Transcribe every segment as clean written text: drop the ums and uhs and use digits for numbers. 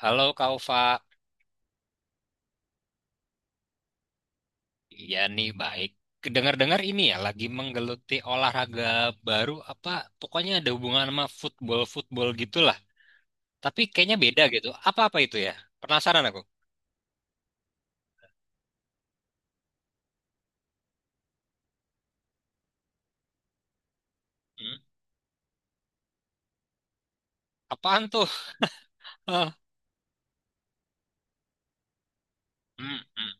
Halo Kaufa, iya nih baik. Dengar-dengar ini ya lagi menggeluti olahraga baru apa pokoknya ada hubungan sama football-football gitulah. Tapi kayaknya beda gitu. Apa-apa itu ya? Penasaran aku. Hmm? Apaan tuh? Hah? Hmm, hmm.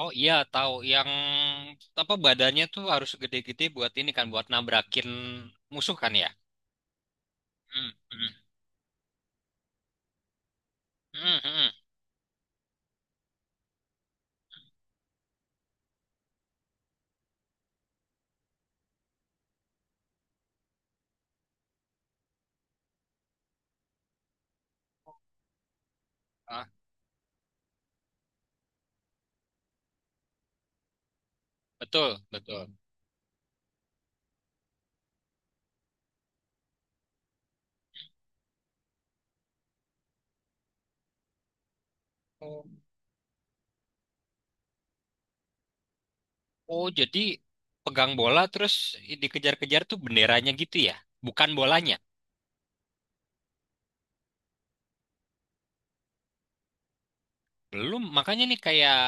Oh iya tahu yang apa badannya tuh harus gede-gede buat ini kan buat nabrakin musuh kan ya? Hmm, hmm. Hmm, hmm. Ah, betul, betul. Oh, jadi pegang bola terus dikejar-kejar tuh benderanya gitu ya? Bukan bolanya. Belum, makanya nih kayak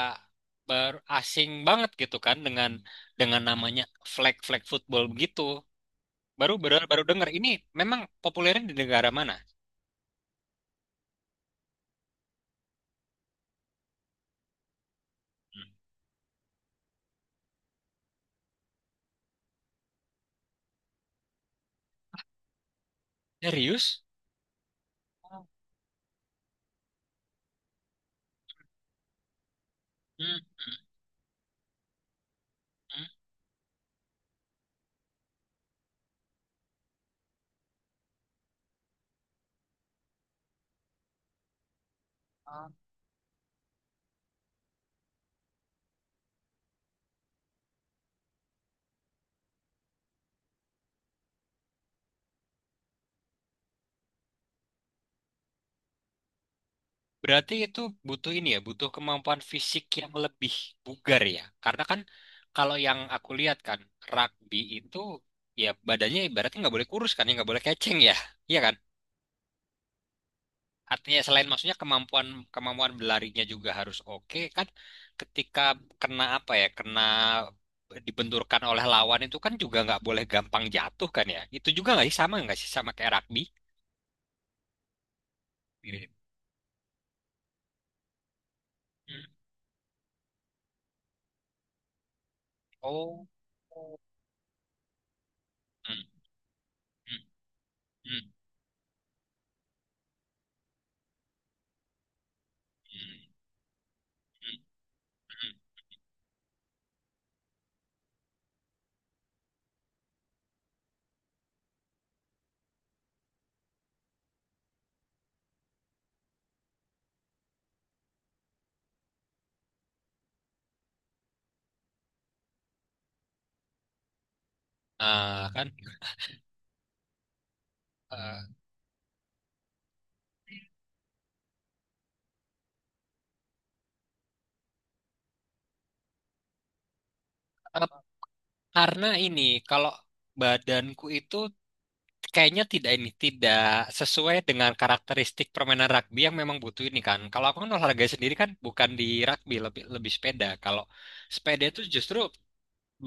baru asing banget gitu kan dengan namanya flag flag football begitu. Baru baru baru dengar ini memang populernya di negara mana? Hmm. Serius? Hmm, hmm, hmm. Berarti itu butuh ini ya, butuh kemampuan fisik yang lebih bugar ya. Karena kan kalau yang aku lihat kan rugby itu ya badannya ibaratnya nggak boleh kurus kan, ya nggak boleh keceng ya, iya kan? Artinya selain maksudnya kemampuan kemampuan berlarinya juga harus oke kan. Ketika kena apa ya, kena dibenturkan oleh lawan itu kan juga nggak boleh gampang jatuh kan ya. Itu juga nggak sih sama kayak rugby? Mirip. Hmm. Oh. Hmm. Hmm. Hmm. Hmm. Hmm. Nah, kan eh, eh, karena ini kalau badanku itu kayaknya tidak ini tidak sesuai dengan karakteristik permainan rugby yang memang butuh ini kan. Kalau aku kan olahraga sendiri kan bukan di rugby, lebih lebih sepeda. Kalau sepeda itu justru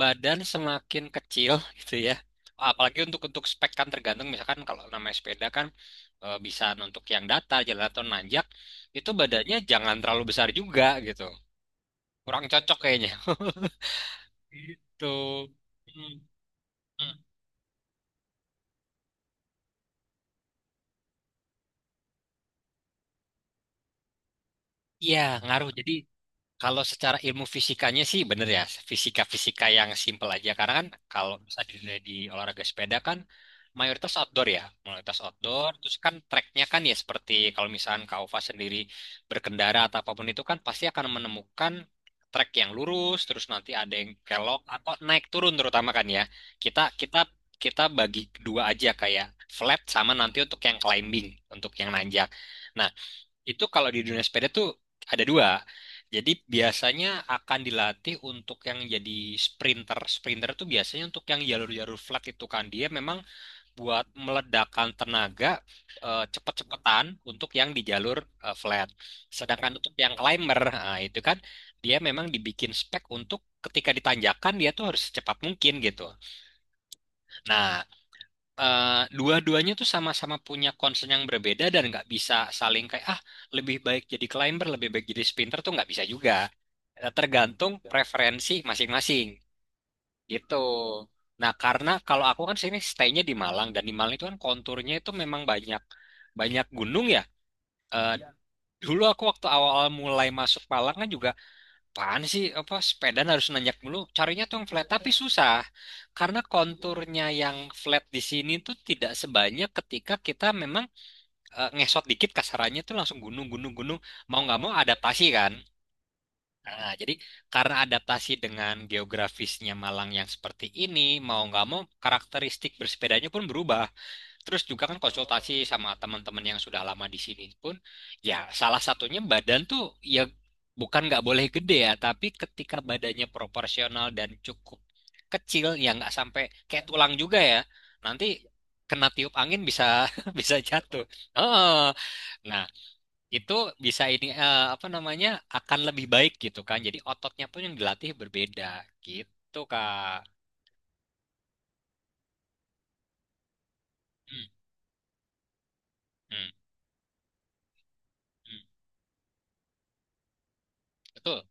badan semakin kecil gitu ya. Apalagi untuk spek kan tergantung misalkan kalau namanya sepeda kan bisa untuk yang datar jalan atau nanjak, itu badannya jangan terlalu besar juga gitu. Kurang cocok kayaknya. Gitu. Hmm, hmm. Iya, ngaruh. Jadi, kalau secara ilmu fisikanya sih bener ya, fisika-fisika yang simple aja. Karena kan kalau misalnya di olahraga sepeda kan mayoritas outdoor ya, mayoritas outdoor. Terus kan treknya kan ya seperti kalau misalkan Kak Ova sendiri berkendara atau apapun itu kan pasti akan menemukan trek yang lurus, terus nanti ada yang kelok atau naik turun terutama kan ya. Kita kita kita bagi dua aja kayak flat sama nanti untuk yang climbing, untuk yang nanjak. Nah, itu kalau di dunia sepeda tuh ada dua. Jadi biasanya akan dilatih untuk yang jadi sprinter. Sprinter tuh biasanya untuk yang jalur-jalur flat, itu kan dia memang buat meledakkan tenaga, cepet-cepetan untuk yang di jalur flat. Sedangkan untuk yang climber, nah, itu kan dia memang dibikin spek untuk ketika ditanjakan dia tuh harus secepat mungkin gitu. Nah, eh, dua-duanya tuh sama-sama punya concern yang berbeda dan nggak bisa saling kayak ah, lebih baik jadi climber, lebih baik jadi sprinter, tuh nggak bisa juga. Tergantung preferensi masing-masing gitu. Nah, karena kalau aku kan sini stay-nya di Malang, dan di Malang itu kan konturnya itu memang banyak banyak gunung ya. Eh, Dulu aku waktu awal-awal mulai masuk Malang kan juga, apaan sih, apa sepeda harus nanjak dulu, carinya tuh yang flat tapi susah, karena konturnya yang flat di sini tuh tidak sebanyak ketika kita memang ngesot dikit kasarannya tuh langsung gunung gunung gunung, mau nggak mau adaptasi kan. Nah, jadi karena adaptasi dengan geografisnya Malang yang seperti ini, mau nggak mau karakteristik bersepedanya pun berubah. Terus juga kan konsultasi sama teman-teman yang sudah lama di sini pun, ya salah satunya badan tuh ya bukan nggak boleh gede ya, tapi ketika badannya proporsional dan cukup kecil, ya nggak sampai kayak tulang juga ya, nanti kena tiup angin bisa bisa jatuh. Oh, nah itu bisa ini, apa namanya, akan lebih baik gitu kan. Jadi ototnya pun yang dilatih berbeda gitu Kak. Hmm, hmm, hmm. Betul.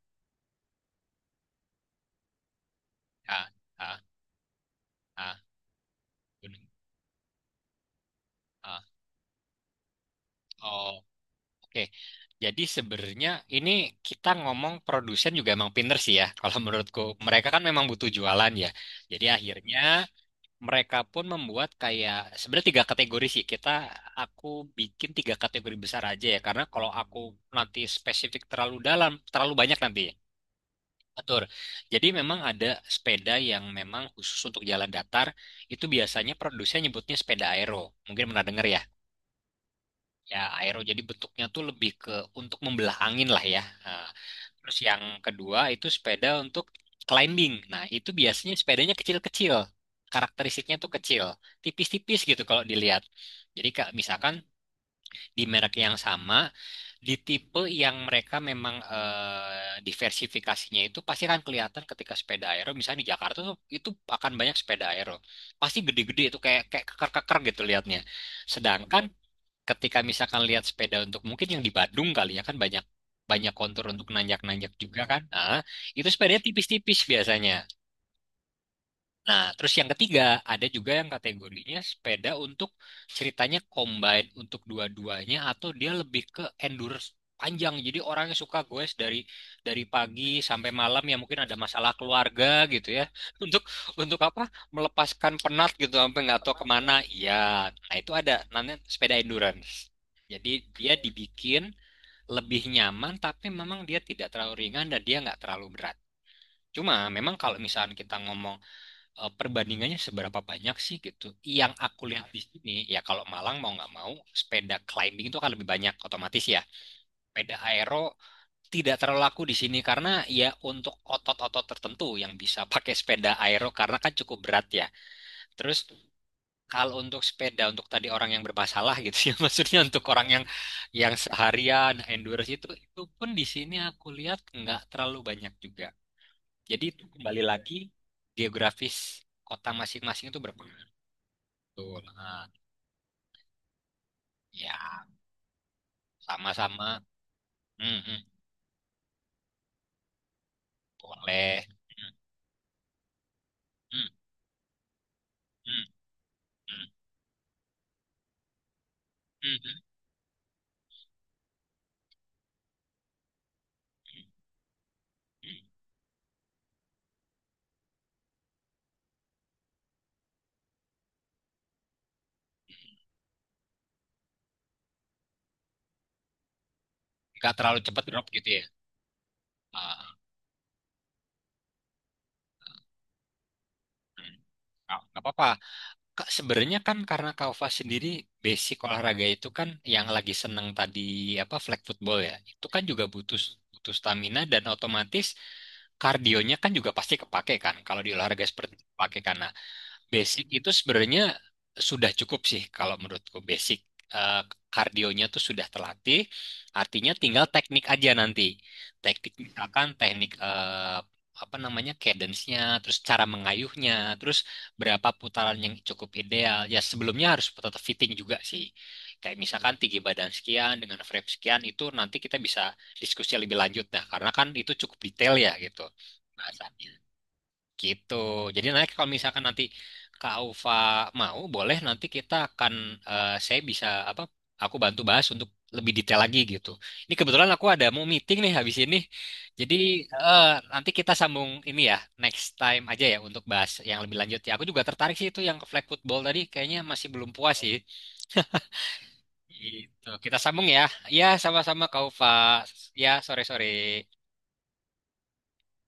Ah, ah, ah. Bener. Ah. Oh, oke. Jadi sebenarnya ini kita ngomong produsen juga emang pinter sih ya. Kalau menurutku, mereka kan memang butuh jualan ya. Jadi akhirnya mereka pun membuat kayak sebenarnya tiga kategori sih. Aku bikin tiga kategori besar aja ya. Karena kalau aku nanti spesifik terlalu dalam, terlalu banyak nanti, ya. Atur. Jadi memang ada sepeda yang memang khusus untuk jalan datar. Itu biasanya produsen nyebutnya sepeda aero. Mungkin pernah dengar ya. Ya, aero jadi bentuknya tuh lebih ke untuk membelah angin lah ya. Nah, terus yang kedua itu sepeda untuk climbing. Nah, itu biasanya sepedanya kecil-kecil. Karakteristiknya tuh kecil, tipis-tipis gitu kalau dilihat. Jadi Kak, misalkan di merek yang sama, di tipe yang mereka memang, diversifikasinya itu pasti akan kelihatan ketika sepeda aero. Misalnya di Jakarta tuh itu akan banyak sepeda aero. Pasti gede-gede itu kayak kayak keker-keker gitu lihatnya. Sedangkan ketika misalkan lihat sepeda untuk mungkin yang di Badung kali ya, kan banyak banyak kontur untuk nanjak-nanjak juga kan. Nah, itu sepedanya tipis-tipis biasanya. Nah, terus yang ketiga ada juga yang kategorinya sepeda untuk ceritanya combine untuk dua-duanya, atau dia lebih ke endurance panjang. Jadi orang yang suka goes dari pagi sampai malam ya mungkin ada masalah keluarga gitu ya. Untuk untuk apa? Melepaskan penat gitu sampai nggak tahu kemana. Iya, nah itu ada namanya sepeda endurance. Jadi dia dibikin lebih nyaman, tapi memang dia tidak terlalu ringan dan dia nggak terlalu berat. Cuma memang kalau misalnya kita ngomong, perbandingannya seberapa banyak sih gitu. Yang aku lihat di sini ya kalau Malang mau nggak mau sepeda climbing itu akan lebih banyak otomatis ya. Sepeda aero tidak terlalu laku di sini karena ya untuk otot-otot tertentu yang bisa pakai sepeda aero, karena kan cukup berat ya. Terus kalau untuk sepeda, untuk tadi orang yang bermasalah gitu ya, maksudnya untuk orang yang seharian endurance, itu pun di sini aku lihat nggak terlalu banyak juga. Jadi itu kembali lagi geografis kota masing-masing itu berpengaruh. Betul. Ah, ya, sama-sama. Hmm, hmm, boleh. Hmm, hmm, hmm, hmm, hmm, hmm, hmm. Nggak terlalu cepat drop gitu ya. Ah, hmm. Ah, nggak apa-apa. Kak, sebenarnya kan karena Kaufa sendiri basic olahraga itu kan yang lagi seneng tadi apa flag football ya. Itu kan juga butuh butuh stamina dan otomatis kardionya kan juga pasti kepake kan, kalau di olahraga seperti itu kepake kan. Basic itu sebenarnya sudah cukup sih, kalau menurutku basic, eh, kardionya tuh sudah terlatih, artinya tinggal teknik aja nanti. Teknik misalkan teknik, apa namanya, cadence-nya, terus cara mengayuhnya, terus berapa putaran yang cukup ideal. Ya sebelumnya harus tetap fitting juga sih. Kayak misalkan tinggi badan sekian dengan frame sekian itu nanti kita bisa diskusi lebih lanjut dah. Karena kan itu cukup detail ya gitu. Bahasannya. Gitu. Jadi nanti kalau misalkan nanti Kak Ufa mau, boleh nanti kita akan, saya bisa apa? Aku bantu bahas untuk lebih detail lagi gitu. Ini kebetulan aku ada mau meeting nih habis ini. Jadi, eh, nanti kita sambung ini ya, next time aja ya untuk bahas yang lebih lanjut ya. Aku juga tertarik sih itu yang ke flag football tadi, kayaknya masih belum puas sih. Gitu. Kita sambung ya. Ya, sama-sama Kak Ufa. Ya, sore-sore.